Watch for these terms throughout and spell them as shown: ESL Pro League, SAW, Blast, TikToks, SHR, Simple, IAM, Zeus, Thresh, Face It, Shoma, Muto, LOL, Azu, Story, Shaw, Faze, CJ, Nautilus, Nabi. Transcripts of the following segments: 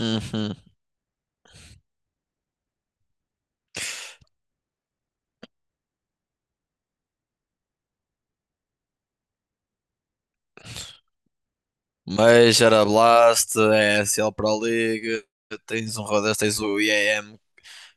Uhum. Mas era Blast, é ESL Pro League, tens um rodeio, tens o IAM,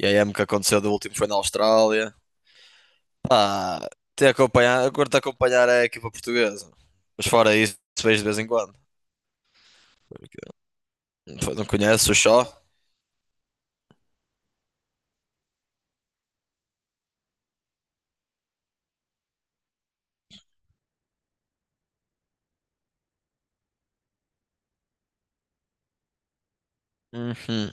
IAM que aconteceu do último foi na Austrália. Pá, te acompanhar, eu curto acompanhar é a equipa portuguesa. Mas fora isso, vejo de vez em quando. Porque Não conheces o Shaw? Uhum.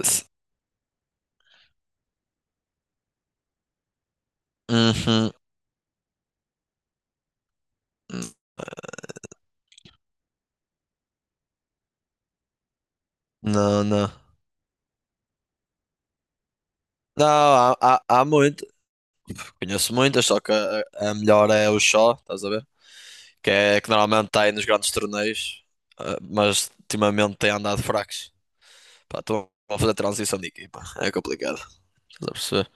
Esse- Uhum. Não, não. Não, há muito. Conheço muitas, só que a melhor é o Shaw, estás a ver? Que é que normalmente está aí nos grandes torneios, ah, mas ultimamente tem andado fracos. Pá, estão a fazer transição de equipa, é complicado. Estás a perceber?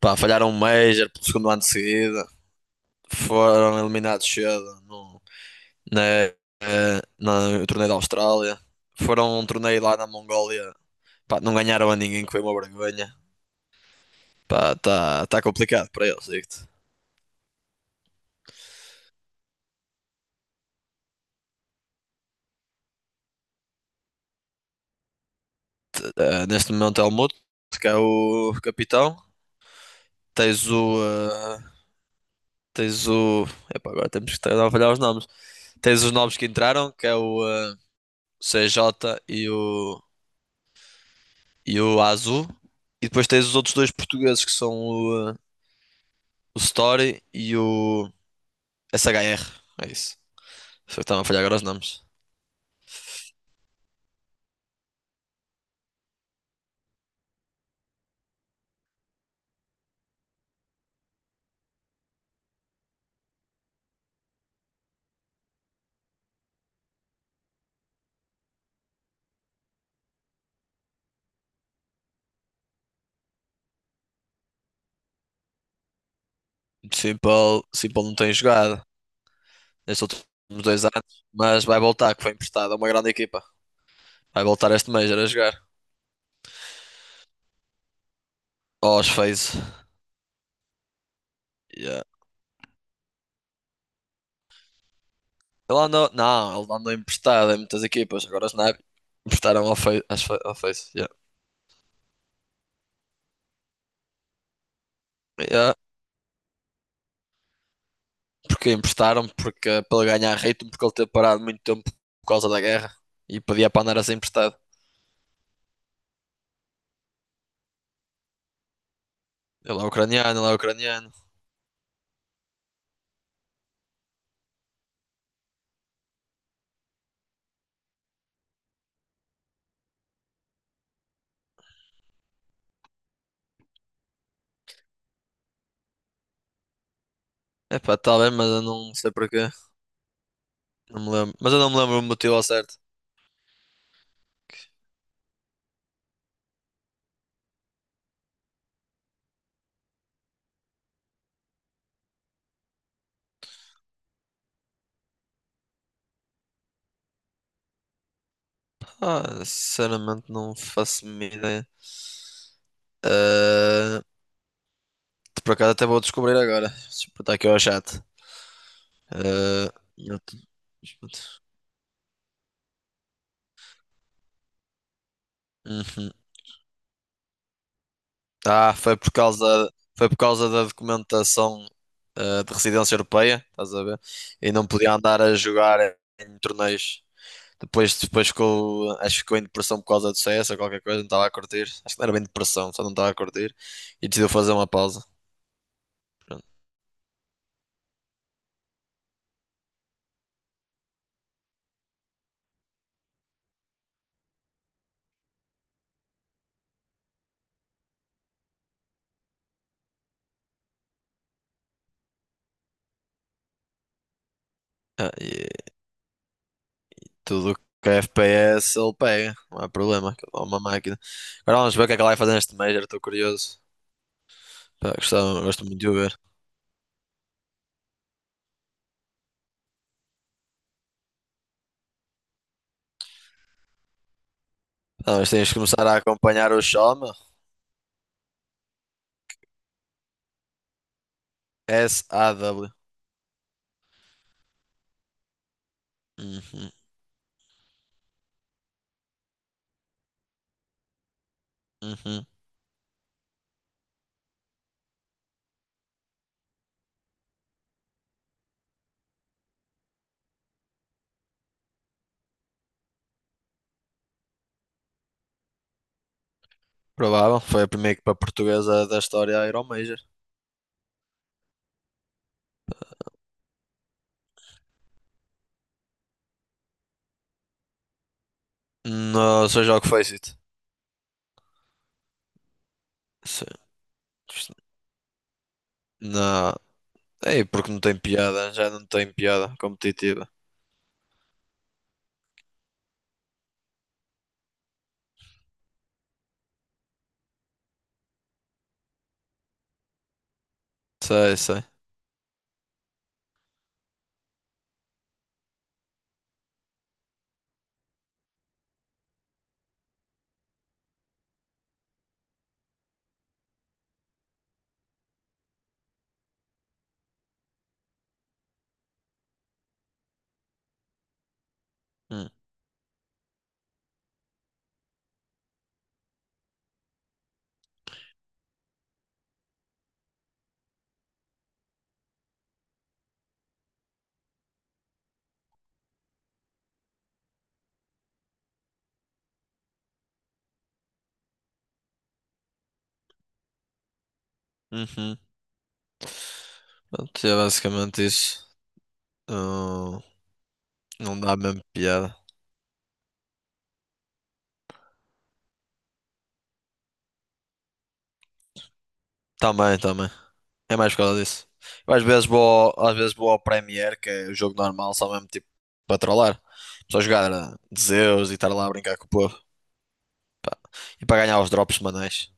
Pá, falharam um Major pelo segundo ano de seguida, foram eliminados cedo na, no torneio da Austrália, foram a um torneio lá na Mongólia, pá, não ganharam a ninguém, que foi uma vergonha. Pá, tá complicado para eles, digo-te. Neste momento é o Muto, que é o capitão. Tens o, eh, Tens o. Epá, agora temos que estar a avaliar os nomes. Tens os nomes que entraram, que é o CJ e o Azu. E depois tens os outros dois portugueses, que são o Story e o SHR. É isso. Só que estava a falhar agora os nomes. Simple não tem jogado nestes últimos 2 anos, mas vai voltar, que foi emprestado a uma grande equipa. Vai voltar este Major a jogar. Aos Faze. Ele andou, não, ele andou emprestado em muitas equipas. Agora os Nabi emprestaram ao Face. Ao Face, yeah. Yeah. Porque emprestaram, porque, para ele ganhar ritmo, porque ele teve parado muito tempo por causa da guerra e podia para andar assim emprestado. Ele é ucraniano, ele é ucraniano. É pá, tá bem, mas eu não sei porquê. Não me lembro. Mas eu não me lembro o motivo ao certo. Ah, sinceramente não faço a mínima ideia. Ah, por acaso até vou descobrir agora. Deixa eu botar aqui ao chat. Ah, eu- Uhum. Ah, foi por causa da documentação, de residência europeia, estás a ver? E não podia andar a jogar em torneios. Depois ficou, acho que ficou em depressão por causa do CS ou qualquer coisa, não estava a curtir. Acho que não era bem depressão, só não estava a curtir. E decidiu fazer uma pausa. Pronto. Ah, e tudo que é FPS ele pega, não há problema, que ele é uma máquina. Agora vamos ver o que é que ele vai fazer neste Major, estou curioso. Pá, gosto muito de o ver. Não, mas tens de começar a acompanhar o Shoma. SAW. Uhum, uhum. Provável, foi a primeira equipa portuguesa da história a ir ao Major. Não, seja o que foi, Cito. Se- Não, é porque não tem piada, já não tem piada competitiva. Sei, sei. Hum, Uhum. Pronto, é basicamente isso. Não, não dá mesmo piada. Também, também. É mais por causa disso. Eu às vezes vou, ao- às vezes vou ao Premiere, que é o jogo normal, só mesmo tipo para trollar. Só jogar de Zeus e estar lá a brincar com o povo. E para ganhar os drops semanais.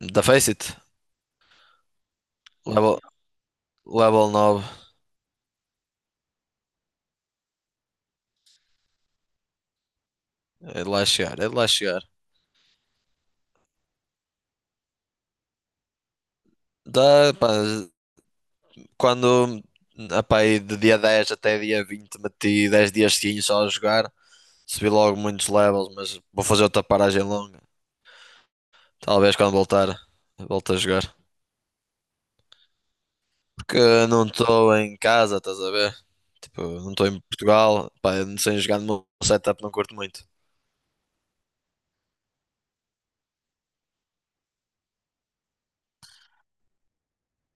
Da Face It, level, level 9. É de lá chegar, é de lá chegar. Pá, quando epá, aí de dia 10 até dia 20 meti 10 dias seguintes só a jogar. Subi logo muitos levels, mas vou fazer outra paragem longa. Talvez quando voltar, volte a jogar. Porque não estou em casa, estás a ver? Tipo, não estou em Portugal, pá, eu não sei jogar no meu setup, não curto muito.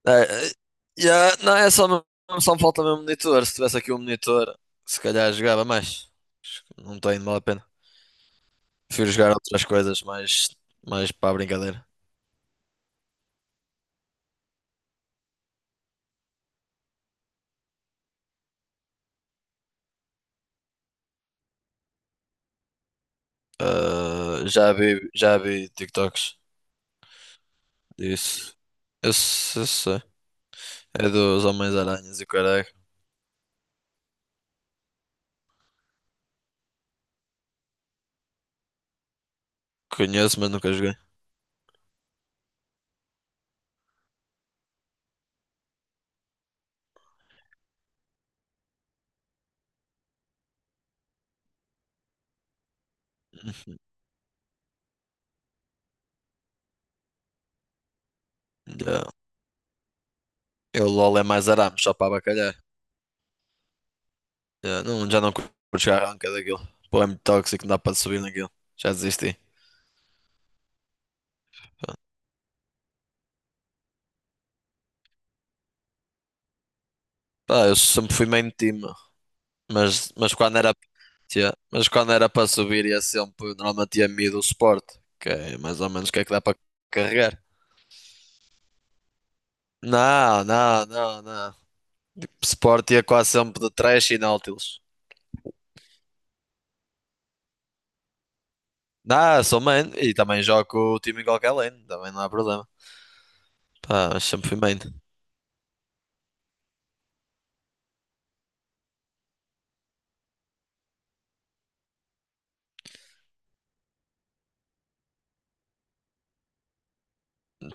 É, é, yeah, não, é só, só me falta mesmo monitor. Se tivesse aqui um monitor, se calhar jogava mais. Não tem mal a pena. Prefiro jogar outras coisas, mais para a brincadeira. Ah, já vi TikToks disso. Eu, se- eu sei. É dos Homens-Aranhas e o caralho. Conheço, mas nunca joguei. Yeah. Eu LOL é mais arames, só para abacalhar. Já não curto jogar ranca daquilo. Pô, é muito tóxico, não dá para subir naquilo. Já desisti. Pá, eu sempre fui main team, mas, mas quando era mas quando era para subir ia sempre, normalmente ia mid o suporte, que é mais ou menos o que é que dá para carregar. Não, não, não, não. Suporte ia quase sempre de Thresh e Nautilus. Não, sou main e também jogo o time em qualquer lane, também não há problema. Pá, mas sempre fui main.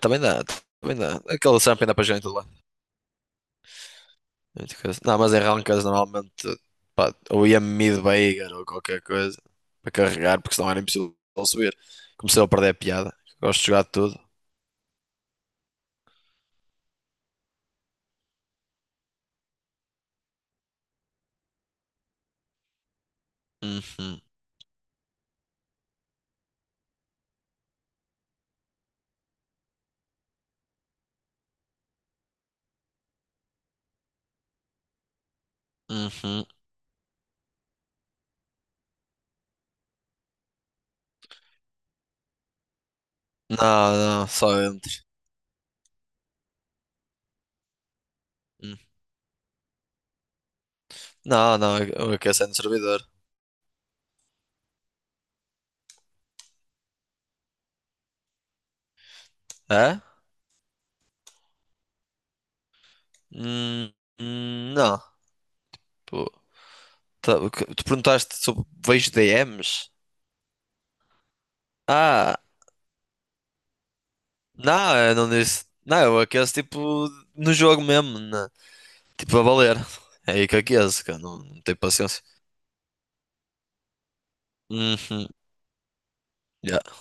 Também dá, também dá. Aquele champion dá para jogar em tudo. Muito coisa. Não, mas em rankings normalmente pá, ou ia mid-bagger ou qualquer coisa para carregar, porque senão era impossível subir. Comecei a perder a piada. Gosto de jogar tudo. Uhum, uhum. Não, não, só entre. Hum. Não, não, eu aqueci no servidor. É? Hum, não. Pô, tu perguntaste sobre vejo DMs? Ah, não, eu não disse. Não, eu aqueço tipo no jogo mesmo, tipo a valer. É aí que aqueço, que não tenho paciência. Uhum. E